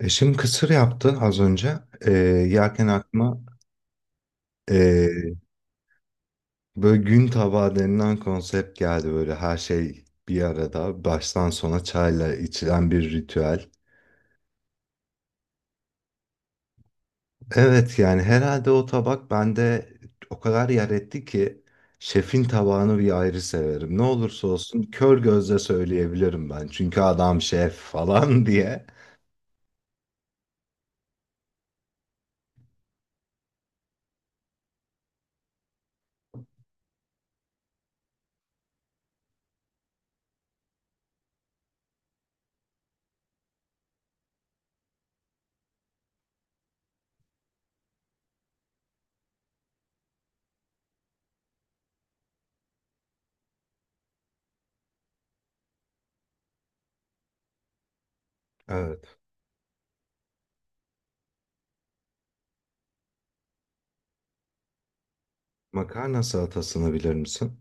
Eşim kısır yaptı az önce. Yerken aklıma ee, böyle gün tabağı denilen konsept geldi. Böyle her şey bir arada baştan sona çayla içilen bir ritüel. Evet, yani herhalde o tabak bende o kadar yer etti ki şefin tabağını bir ayrı severim. Ne olursa olsun kör gözle söyleyebilirim ben. Çünkü adam şef falan diye. Evet. Makarna salatasını bilir misin?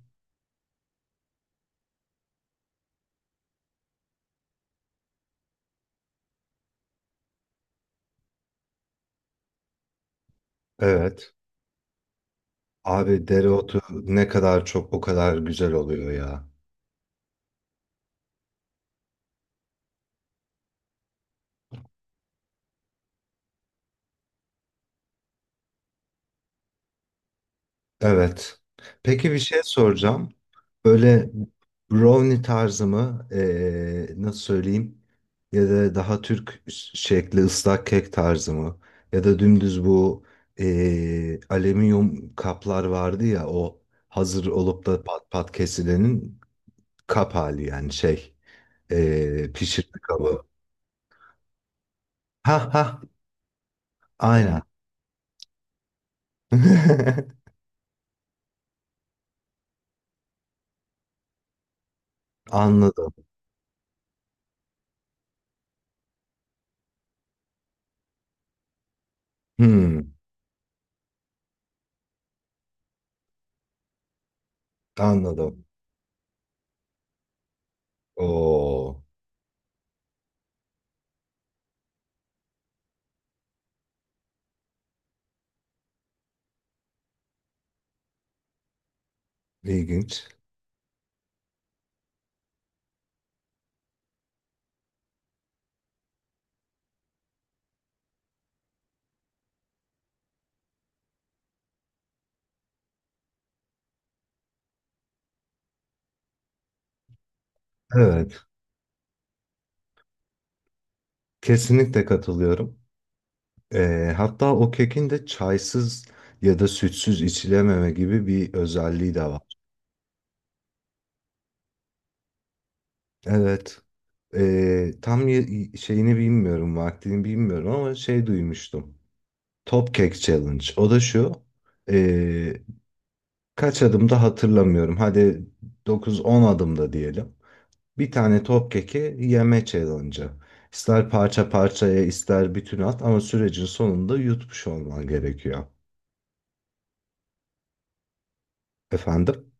Evet. Abi dereotu ne kadar çok o kadar güzel oluyor ya. Evet. Peki bir şey soracağım. Böyle brownie tarzı mı? Nasıl söyleyeyim? Ya da daha Türk şekli ıslak kek tarzı mı? Ya da dümdüz bu alüminyum kaplar vardı ya, o hazır olup da pat pat kesilenin kap hali, yani şey, pişirme kabı. Ha ha, aynen. Anladım. Hmm. Anladım. Oo, ilginç. Evet, kesinlikle katılıyorum. Hatta o kekin de çaysız ya da sütsüz içilememe gibi bir özelliği de var. Evet. Tam şeyini bilmiyorum, vaktini bilmiyorum, ama şey duymuştum. Top Cake Challenge. O da şu. ee, Kaç adımda hatırlamıyorum. Hadi 9-10 adımda diyelim. Bir tane top keki yeme challenge'ı. İster parça parçaya ister bütün at, ama sürecin sonunda yutmuş olman gerekiyor. Efendim?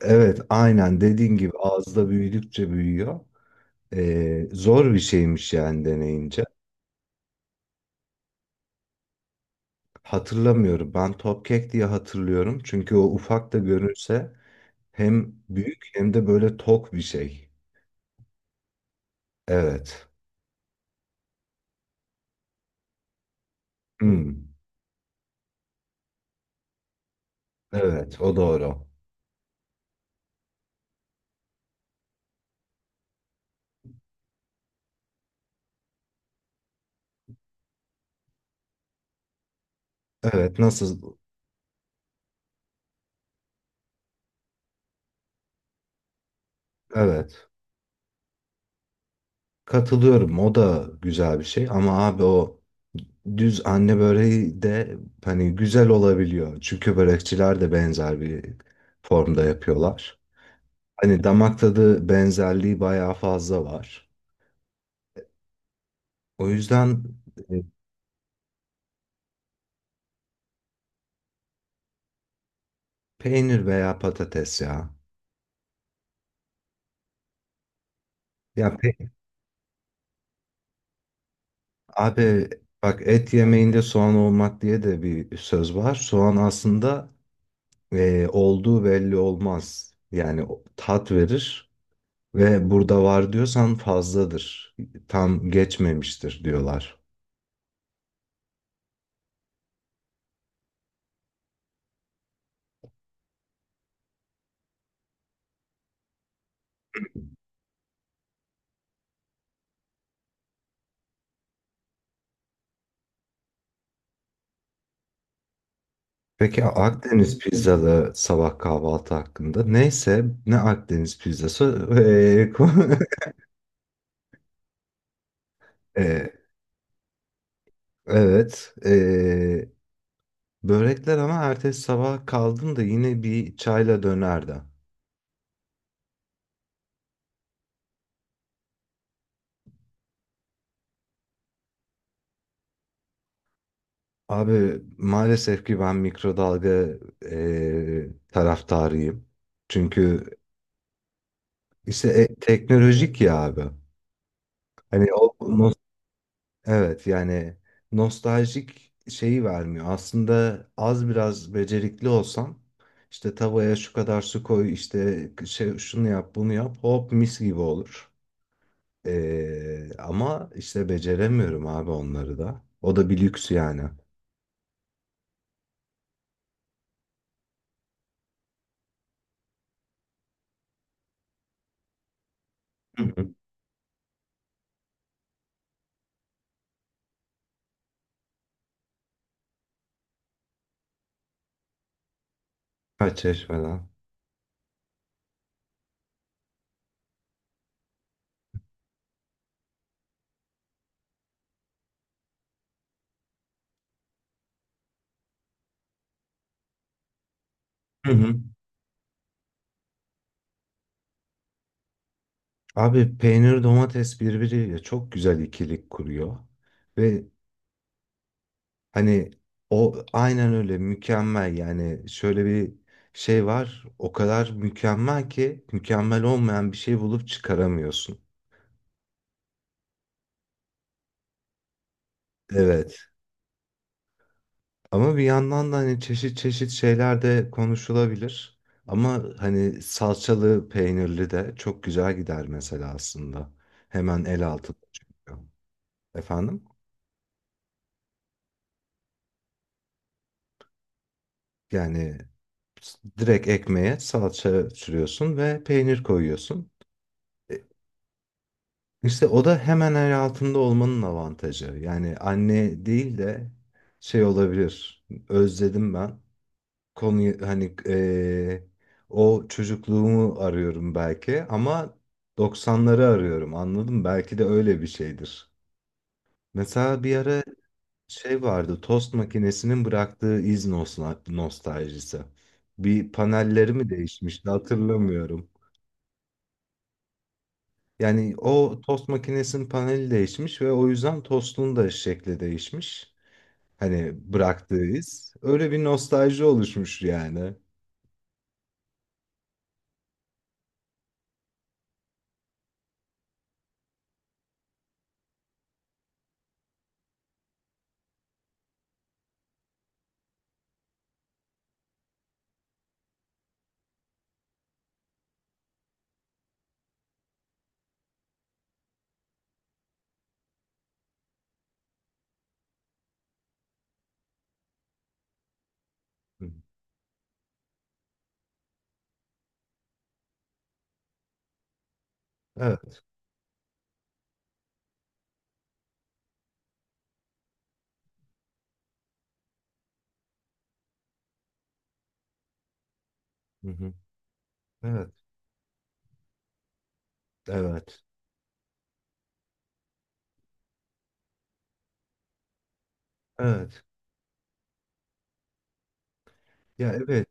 Evet, aynen dediğin gibi ağızda büyüdükçe büyüyor. Zor bir şeymiş yani deneyince. Hatırlamıyorum, ben top kek diye hatırlıyorum. Çünkü o ufak da görünse hem büyük hem de böyle tok bir şey. Evet. Hmm. Evet, o doğru. Evet, nasıl? Evet. Katılıyorum. O da güzel bir şey ama abi o düz anne böreği de hani güzel olabiliyor. Çünkü börekçiler de benzer bir formda yapıyorlar. Hani damak tadı benzerliği bayağı fazla var. O yüzden, e, peynir veya patates ya. Ya pe- Abi bak, et yemeğinde soğan olmak diye de bir söz var. Soğan aslında olduğu belli olmaz. Yani tat verir. Ve burada var diyorsan fazladır. Tam geçmemiştir diyorlar. Peki Akdeniz pizzalı sabah kahvaltı hakkında. Neyse ne Akdeniz pizzası. Ee, evet. Börekler ama ertesi sabah kaldım da yine bir çayla dönerdi. Abi maalesef ki ben mikrodalga taraftarıyım. Çünkü işte teknolojik ya abi. Hani o, evet, yani nostaljik şeyi vermiyor. Aslında az biraz becerikli olsam işte tavaya şu kadar su koy, işte şey, şunu yap bunu yap, hop mis gibi olur. Ama işte beceremiyorum abi onları da. O da bir lüks yani. Hı hı. Ha, çeşmeden. Hı hı. Abi peynir domates birbiriyle çok güzel ikilik kuruyor. Ve hani o, aynen öyle mükemmel. Yani şöyle bir şey var, o kadar mükemmel ki mükemmel olmayan bir şey bulup çıkaramıyorsun. Evet, ama bir yandan da hani çeşit çeşit şeyler de konuşulabilir, ama hani salçalı peynirli de çok güzel gider mesela, aslında hemen el altında çünkü. Efendim? Yani direkt ekmeğe salça sürüyorsun ve peynir koyuyorsun. E, İşte o da hemen el altında olmanın avantajı. Yani anne değil de şey olabilir. Özledim ben. Konuyu hani, o çocukluğumu arıyorum belki, ama 90'ları arıyorum, anladın mı? Belki de öyle bir şeydir. Mesela bir ara şey vardı. Tost makinesinin bıraktığı iz nostaljisi. Bir panelleri mi değişmişti, hatırlamıyorum. Yani o tost makinesinin paneli değişmiş ve o yüzden tostun da şekli değişmiş. Hani bıraktığı iz. Öyle bir nostalji oluşmuş yani. Hı. Evet. Hı hı. Evet. Evet. Evet. Ya, evet.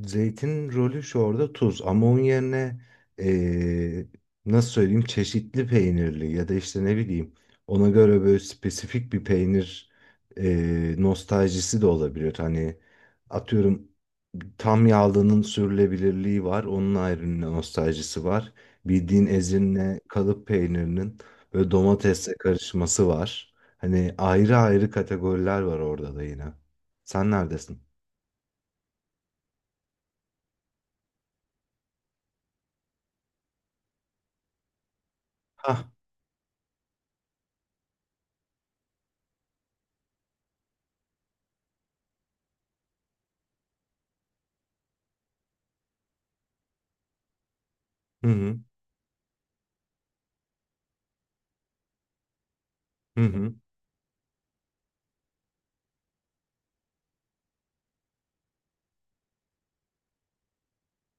Zeytin rolü şu, orada tuz, ama onun yerine eee, nasıl söyleyeyim, çeşitli peynirli ya da işte ne bileyim, ona göre böyle spesifik bir peynir nostaljisi de olabilir. Hani, atıyorum, tam yağlının sürülebilirliği var, onun ayrı bir nostaljisi var. Bildiğin Ezinle kalıp peynirinin böyle domatesle karışması var. Hani ayrı ayrı kategoriler var orada da yine. Sen neredesin? Hah. Hı hı. Hı hı.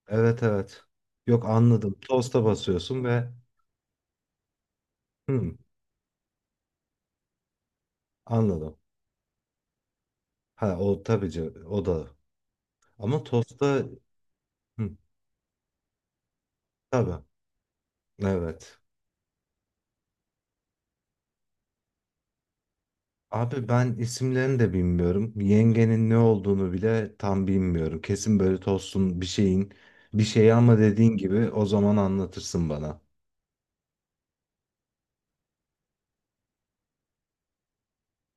Evet, evet. Yok, anladım. Tosta basıyorsun ve, hı, anladım. Ha, o tabii ki, o da. Ama tosta, hı, tabii. Evet. Abi ben isimlerini de bilmiyorum. Yengenin ne olduğunu bile tam bilmiyorum. Kesin böyle tostun bir şeyin bir şeyi, ama dediğin gibi o zaman anlatırsın bana.